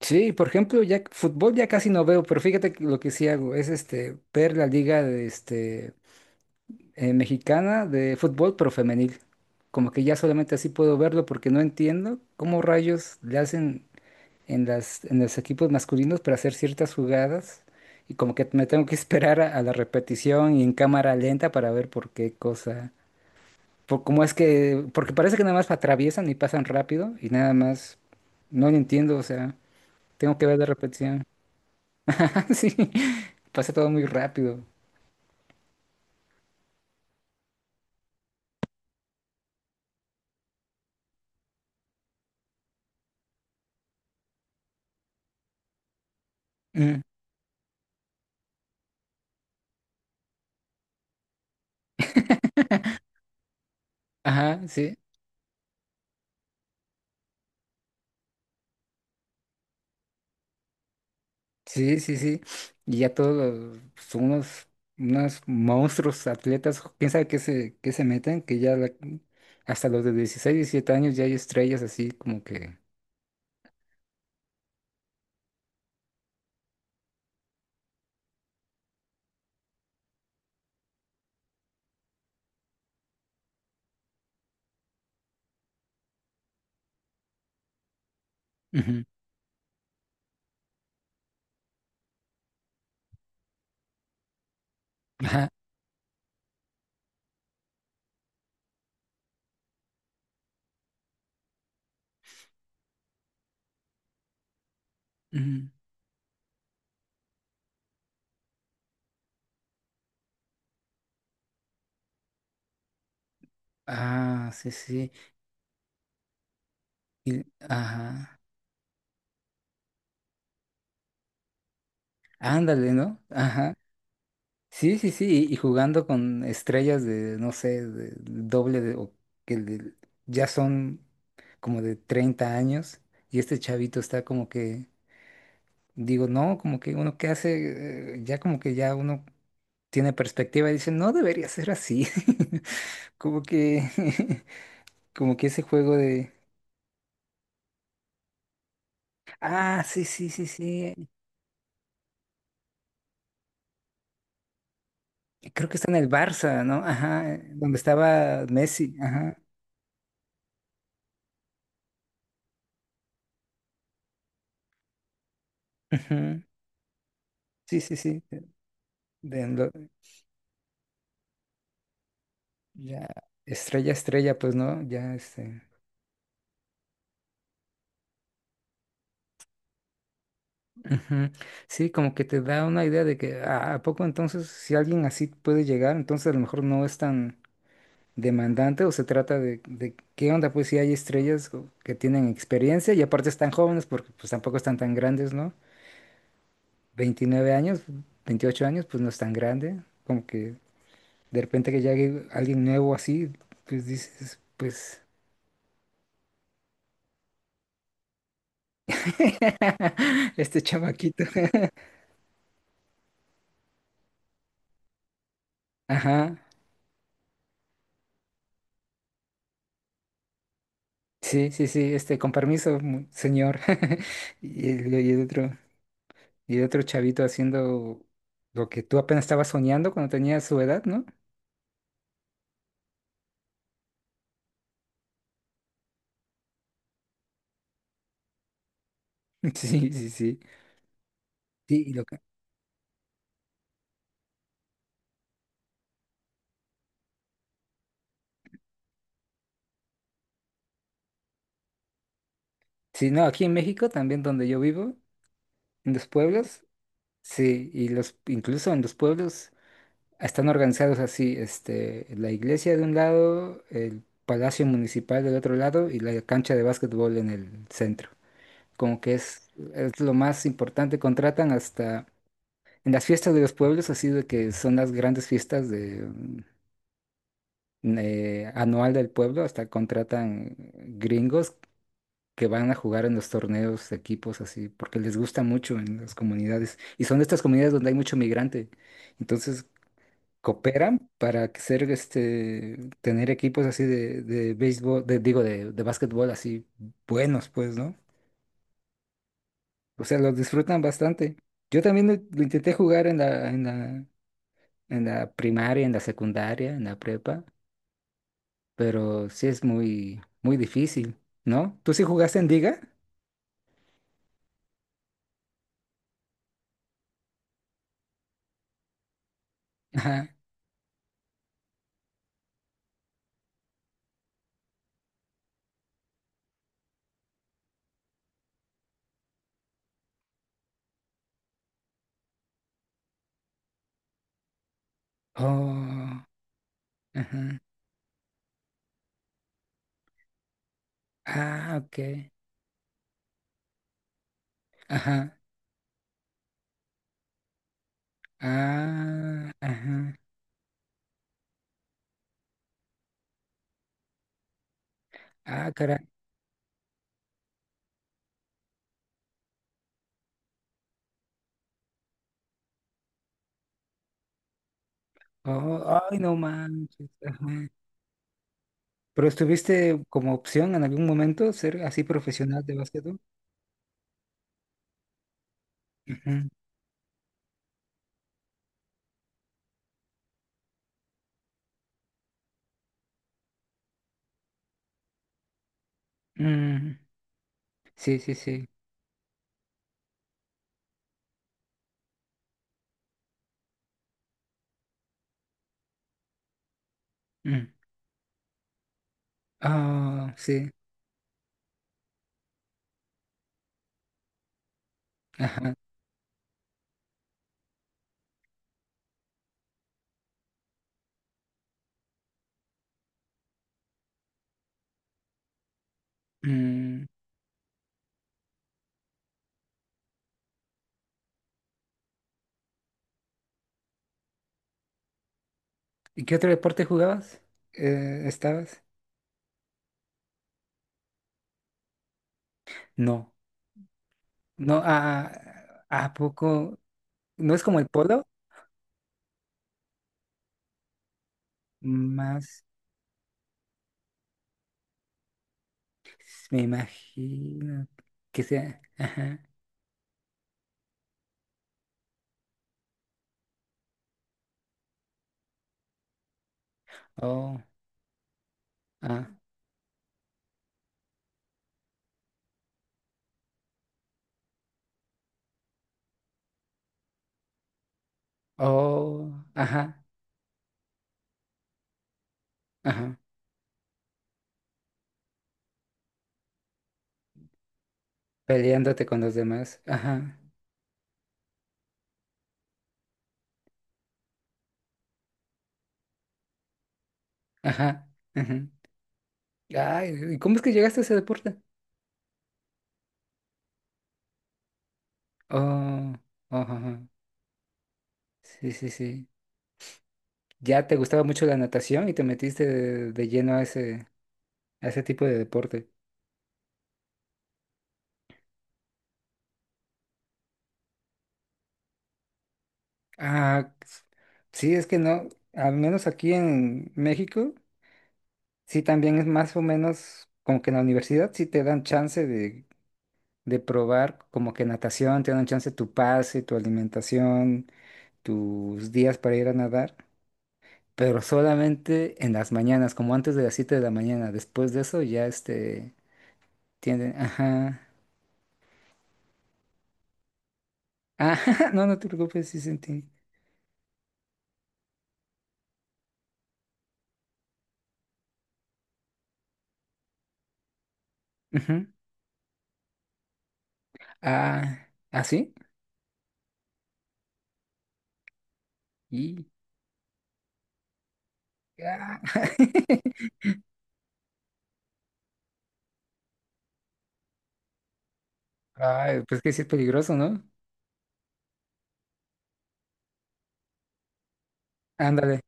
Sí, por ejemplo, ya fútbol ya casi no veo, pero fíjate que lo que sí hago es ver la liga de mexicana de fútbol, pero femenil. Como que ya solamente así puedo verlo porque no entiendo cómo rayos le hacen en los equipos masculinos para hacer ciertas jugadas y como que me tengo que esperar a la repetición y en cámara lenta para ver por qué cosa, por cómo es que, porque parece que nada más atraviesan y pasan rápido y nada más no lo entiendo, o sea, tengo que ver la repetición. Sí, pasa todo muy rápido. Mm. Ajá, sí, sí, sí, sí. Y ya todos son unos monstruos atletas, quién sabe qué se meten, que ya la- hasta los de 16 17 años ya hay estrellas así como que... Ujú. Ajá. Ujú. Ah, sí, sí. Y- ajá. Ándale, ¿no? Ajá. Sí, sí, sí, y jugando con estrellas de, no sé, de doble de, o que de- ya son como de 30 años, y este chavito está como que, digo, no, como que uno que hace, ya como que ya uno tiene perspectiva y dice, no debería ser así. Como que, como que ese juego de, ah, sí, sí, sí, sí, creo que está en el Barça, ¿no? Ajá, donde estaba Messi, ajá. Ujú. Sí, sí, sí, de- ya, estrella, estrella, pues, ¿no? Ya, Ujú. Sí, como que te da una idea de que ah, a poco entonces, si alguien así puede llegar, entonces a lo mejor no es tan demandante o se trata de qué onda, pues si hay estrellas co- que tienen experiencia y aparte están jóvenes porque pues tampoco están tan grandes, ¿no? 29 años, 28 años, pues no es tan grande, como que de repente que llegue alguien nuevo así, pues dices, pues, este chamaquito, ajá. Sí, sí, sí, con permiso, mu- señor. Y el, y el otro, y el otro chavito haciendo lo que tú apenas estabas soñando cuando tenías su edad, ¿no? Sí, sí, sí. Sí, y lo que- sí, no, aquí en México, también donde yo vivo, en los pueblos, sí, y los, incluso en los pueblos están organizados así, la iglesia de un lado, el palacio municipal del otro lado y la cancha de básquetbol en el centro. Como que es lo más importante, contratan hasta en las fiestas de los pueblos, así de que son las grandes fiestas de, anual del pueblo, hasta contratan gringos que van a jugar en los torneos de equipos así, porque les gusta mucho en las comunidades. Y son estas comunidades donde hay mucho migrante. Entonces cooperan para que ser tener equipos así de béisbol, de, digo, de básquetbol así buenos, pues, ¿no? O sea, los disfrutan bastante. Yo también lo intenté jugar en la primaria, en la secundaria, en la prepa, pero sí es muy, muy difícil, ¿no? ¿Tú sí jugaste en Liga? Ajá. Oh, ajá. Ah, ok. Ajá. Ah, ajá. Ah, caray. Oh, ay, no manches. Ajá. ¿Pero estuviste como opción en algún momento ser así profesional de básquetbol? Ujú. Mm. Sí, sí, sí. Mm. Ah, sí. Ajá. Mm. ¿Y qué otro deporte jugabas? ¿Estabas? No, no, a poco, no es como el polo, más me imagino que sea, ajá, oh, ah, oh, ajá, ajá, peleándote con los demás, ajá, ajá, ajá. Ay, ¿y cómo es que llegaste a ese deporte? Oh, oh, ajá, sí, sí, sí. Ya te gustaba mucho la natación y te metiste de lleno a ese tipo de deporte. Ah, sí, es que no, al menos aquí en México, sí también es más o menos como que en la universidad sí te dan chance de probar como que natación, te dan chance tu pase, tu alimentación, tus días para ir a nadar, pero solamente en las mañanas, como antes de las 7 de la mañana, después de eso ya tienen, ajá, ajá. No, no te preocupes, sí sentí, ujú, ah, así, y, ah. Ay, pues que sí es peligroso, ¿no? Ándale.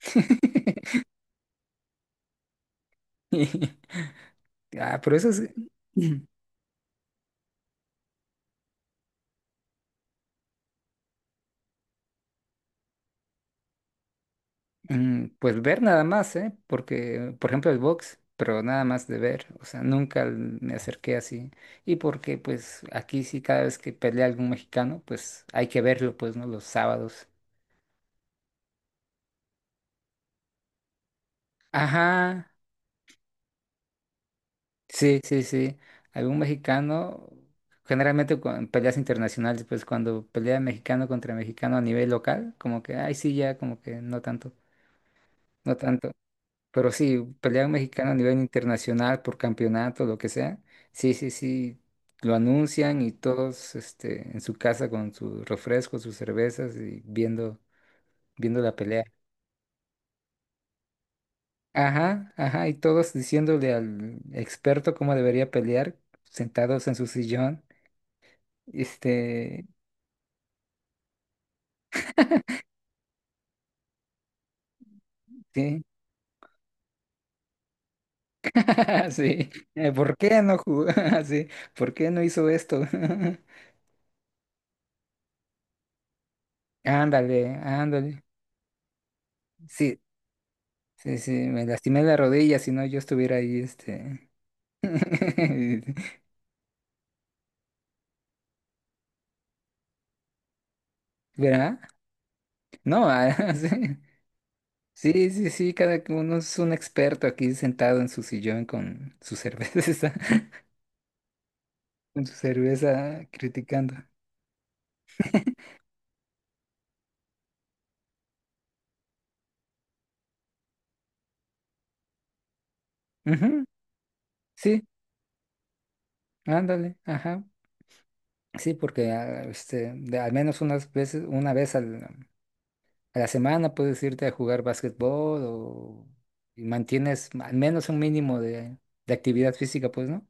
Ah, pero eso es, mm, pues ver nada más, ¿eh? Porque, por ejemplo, el box, pero nada más de ver, o sea, nunca l- me acerqué así. Y porque, pues, aquí sí, cada vez que pelea algún mexicano, pues hay que verlo, pues, ¿no? Los sábados. Ajá. Sí, sí, sí. Algún mexicano, generalmente cu- en peleas internacionales, pues cuando pelea mexicano contra mexicano a nivel local, como que, ay, sí, ya, como que no tanto, no tanto. Pero sí, pelea un mexicano a nivel internacional por campeonato, lo que sea. Sí, sí, sí. Lo anuncian y todos, en su casa con sus refrescos, sus cervezas y viendo, viendo la pelea. Ajá, ajá, y todos diciéndole al experto cómo debería pelear, sentados en su sillón. Este, sí, sí. ¿Por qué no jugó? Sí, ¿por qué no hizo esto? Ándale, ándale. Sí, sí, sí, me lastimé la rodilla, si no yo estuviera ahí, ¿Verdad? No, ah, sí. Sí, sí, sí, cada uno es un experto aquí sentado en su sillón con su cerveza, con su cerveza criticando. Ujú. Sí, ándale, ajá. Sí, porque ah, de- al menos unas veces, una vez al- a la semana puedes irte a jugar básquetbol o y mantienes al menos un mínimo de actividad física, pues, ¿no?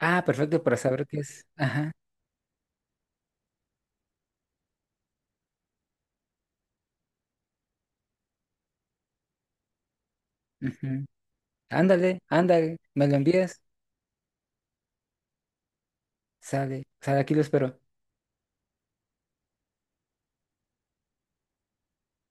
Ah, perfecto, para saber qué es. Ajá. Ujú. Ándale, ándale, me lo envías. Sale, sale, aquí lo espero.